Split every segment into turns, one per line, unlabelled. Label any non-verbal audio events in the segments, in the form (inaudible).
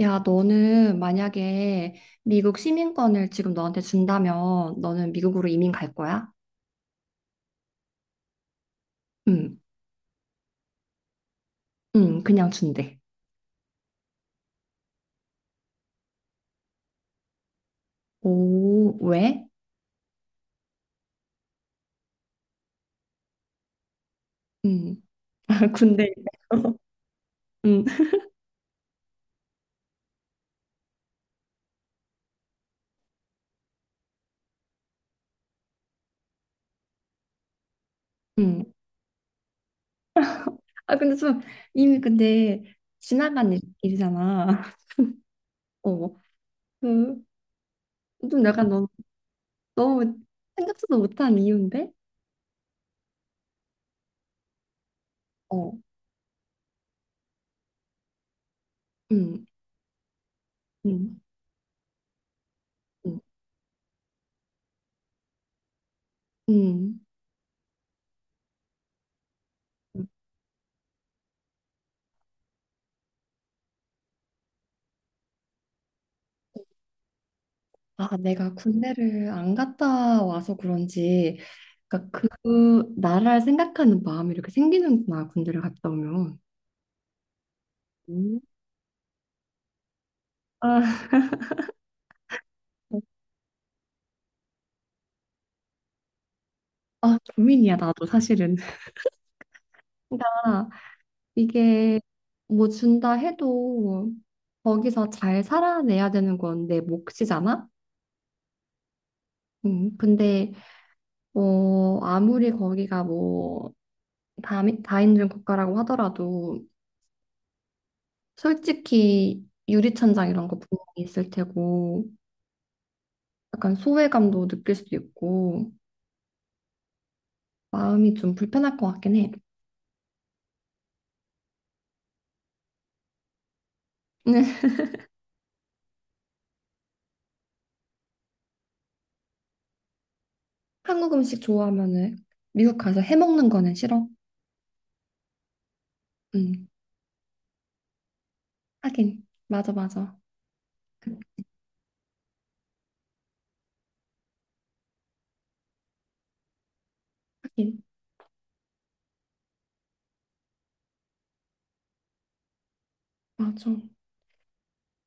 야, 너는 만약에 미국 시민권을 지금 너한테 준다면 너는 미국으로 이민 갈 거야? 응, 응, 그냥 준대. 오, 왜? 응, (laughs) 군대. 응, 응. 아, 근데 좀 이미 근데 지나간 일이잖아. (laughs) 어, 그, 좀 약간 너무 생각지도 못한 이유인데? 어, 응, 응, 응, 응. 아, 내가 군대를 안 갔다 와서 그런지, 그러니까 그 나라를 생각하는 마음이 이렇게 생기는구나, 군대를 갔다 오면. 음. 아, 아, 고민이야, 나도 사실은. 그러니까 이게 뭐 준다 해도 거기서 잘 살아내야 되는 건 내 몫이잖아? 근데 아무리 거기가 뭐 다인종 국가라고 하더라도 솔직히 유리천장 이런 거 분명히 있을 테고 약간 소외감도 느낄 수도 있고 마음이 좀 불편할 것 같긴 해. (laughs) 한국 음식 좋아하면은 미국 가서 해 먹는 거는 싫어. 음, 하긴 맞아 맞아. 그- 하긴 맞아.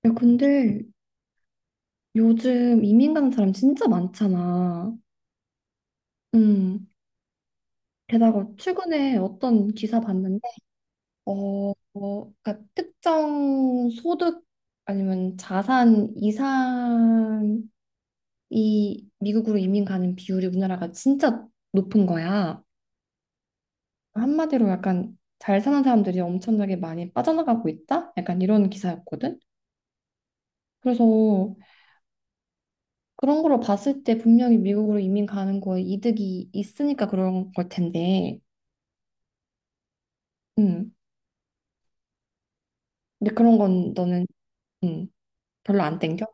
야, 근데 요즘 이민 간 사람 진짜 많잖아. 음. 게다가 최근에 어떤 기사 봤는데 그러니까 특정 소득 아니면 자산 이상 이 미국으로 이민 가는 비율이 우리나라가 진짜 높은 거야. 한마디로 약간 잘 사는 사람들이 엄청나게 많이 빠져나가고 있다? 약간 이런 기사였거든. 그래서 그런 걸로 봤을 때 분명히 미국으로 이민 가는 거에 이득이 있으니까 그런 걸 텐데. 음. 근데 그런 건 너는 음, 별로 안 땡겨?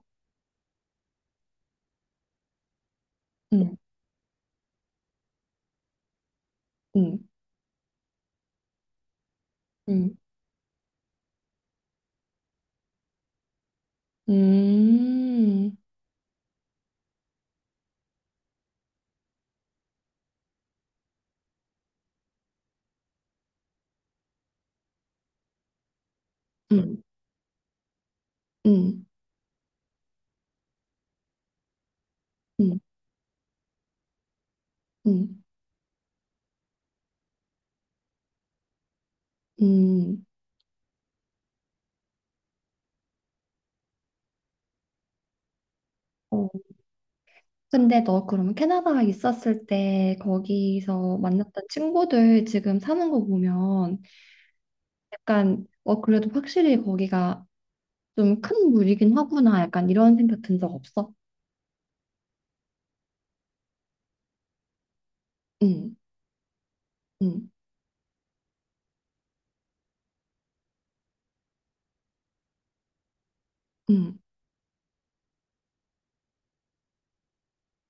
음. 음. 음. 음. 음. 음. 음. 음. 음. 음. 어. 근데 너 그러면 캐나다에 있었을 때 거기서 만났던 친구들 지금 사는 거 보면 약간 그래도 확실히 거기가 좀 큰 무리긴 하구나 약간 이런 생각 든 적 없어? 응, 응, 응,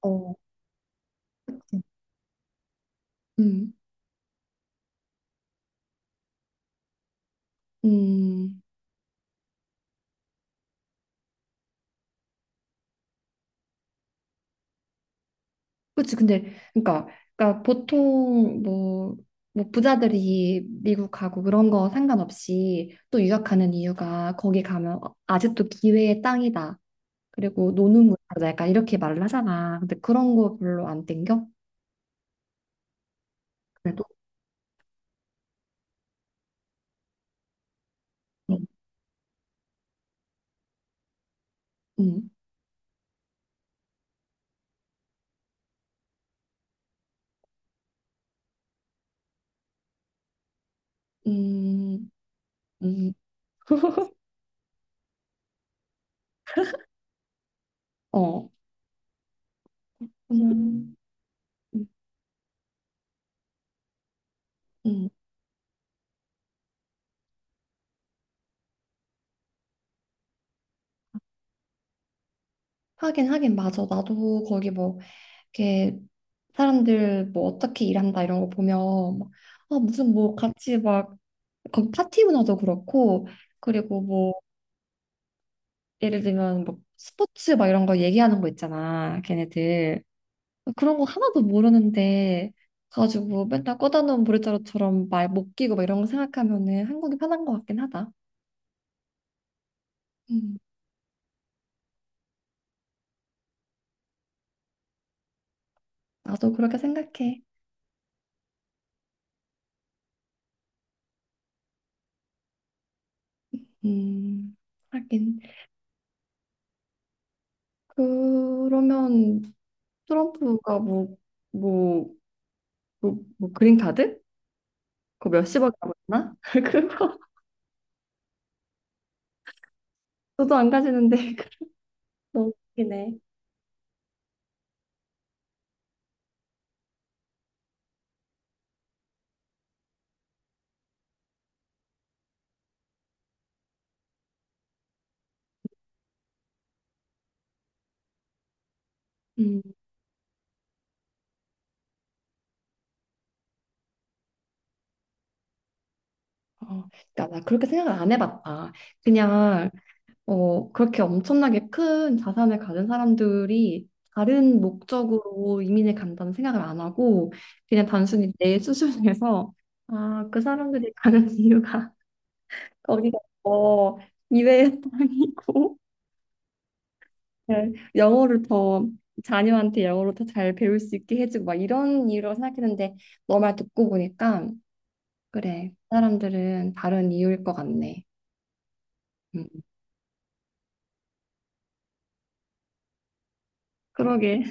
어, 응, 응. 그치 근데 그러니까 보통 뭐 부자들이 미국 가고 그런 거 상관없이 또 유학 가는 이유가 거기 가면 아직도 기회의 땅이다. 그리고 노는 문화다 약간 이렇게 말을 하잖아. 근데 그런 거 별로 안 땡겨? 그래도 음, 음, 음, 음. (laughs) 어, 음, 음, 음. 하긴 하긴 맞아. 나도 거기 뭐 이렇게 사람들 뭐 어떻게 일한다 이런 거 보면 막, 아 무슨 뭐 같이 막 거기 파티 문화도 그렇고 그리고 뭐 예를 들면 뭐 스포츠 막 이런 거 얘기하는 거 있잖아 걔네들 그런 거 하나도 모르는데 가지고 맨날 꺼다 놓은 보리자루처럼 말 못 끼고 막 이런 거 생각하면은 한국이 편한 것 같긴 하다. 음, 나도 그렇게 생각해. 음, 하긴 그러면 트럼프가 뭐 뭐 그린카드? 그거 몇십억 남았나? (laughs) 그거 저도 안 가지는데 (laughs) 너무 웃기네. 음, 어, 그러니까 나 그렇게 생각을 안 해봤다. 그냥 그렇게 엄청나게 큰 자산을 가진 사람들이 다른 목적으로 이민을 간다는 생각을 안 하고 그냥 단순히 내 (laughs) 수준에서 아, 그 사람들이 가는 (laughs) 이유가 거기가 더 이외의 (laughs) 땅이고 네, 영어를 더 자녀한테 영어로 더 잘 배울 수 있게 해주고 막 이런 이유로 생각했는데 너 말 듣고 보니까 그래 그 사람들은 다른 이유일 것 같네. 음, 그러게.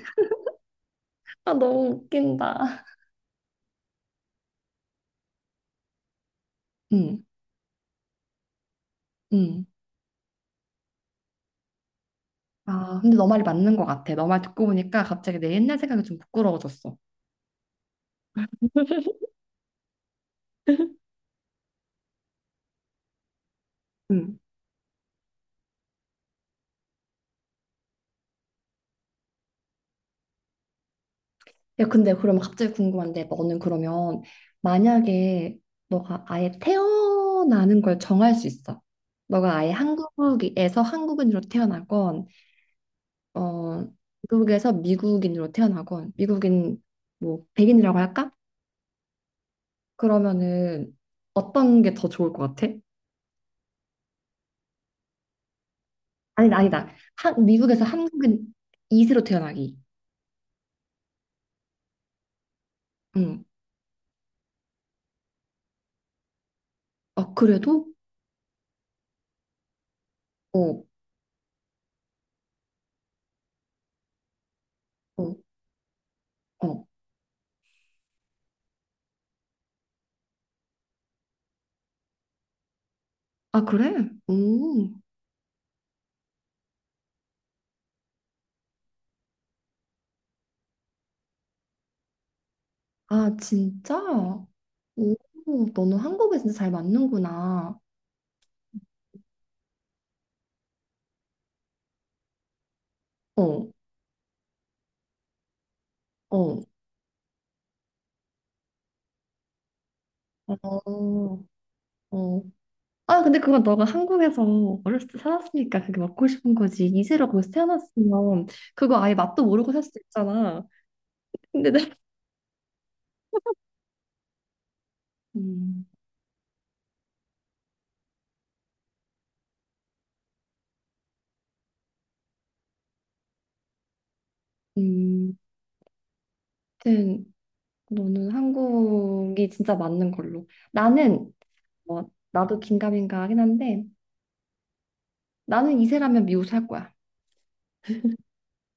(laughs) 아, 너무 웃긴다. 음, 음. 아, 근데 너 말이 맞는 것 같아. 너 말 듣고 보니까 갑자기 내 옛날 생각이 좀 부끄러워졌어. (laughs) 음. 야, 근데 그러면 갑자기 궁금한데, 너는 그러면 만약에 너가 아예 태어나는 걸 정할 수 있어. 너가 아예 한국에서 한국인으로 태어나건, 어, 미국에서 미국인으로 태어나건, 미국인 뭐 백인이라고 할까? 그러면은 어떤 게 더 좋을 것 같아? 아니다, 아니다. 미국에서 한국인 이세로 태어나기. 응. 어, 그래도? 어, 어, 어. 아, 그래? 오, 아, 진짜? 오, 너는 한국에 진짜 잘 맞는구나. 어, 어, 어, 어. 아, 근데 그건 너가 한국에서 어렸을 때 살았으니까 그게 먹고 싶은 거지. 이세로 거기서 태어났으면 그거 아예 맛도 모르고 살 수도 있잖아. 근데 음, 음, 하여튼 너는 한국이 진짜 맞는 걸로. 나는, 나도 긴가민가 하긴 한데 나는 이세라면 미국 살 거야.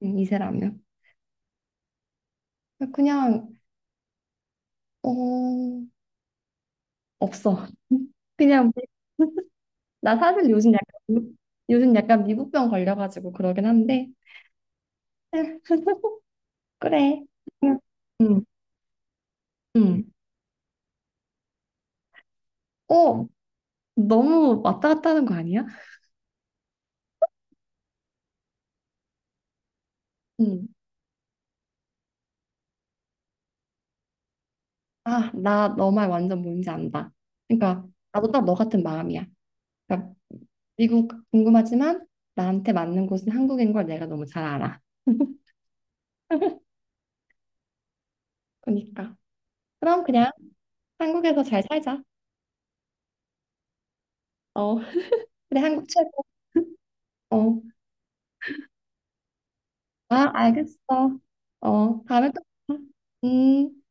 이 사람이요. 아, 그냥 어 없어. (laughs) 그냥 (laughs) 나 사실 요즘 약간 미국병 걸려가지고 그러긴 한데 (laughs) 그래. 응, 응. 어 너무 왔다 갔다 하는 거 아니야? 응. 아, 나 너 말 완전 뭔지 안다. 그러니까 나도 딱 너 같은 마음이야. 그러니까 미국 궁금하지만 나한테 맞는 곳은 한국인 걸 내가 너무 잘 알아. (laughs) 그러니까 그럼 그냥 한국에서 잘 살자. 어. 그래, 한국 최고. 어, 아, 알겠어. 다음에 또 봐. 음.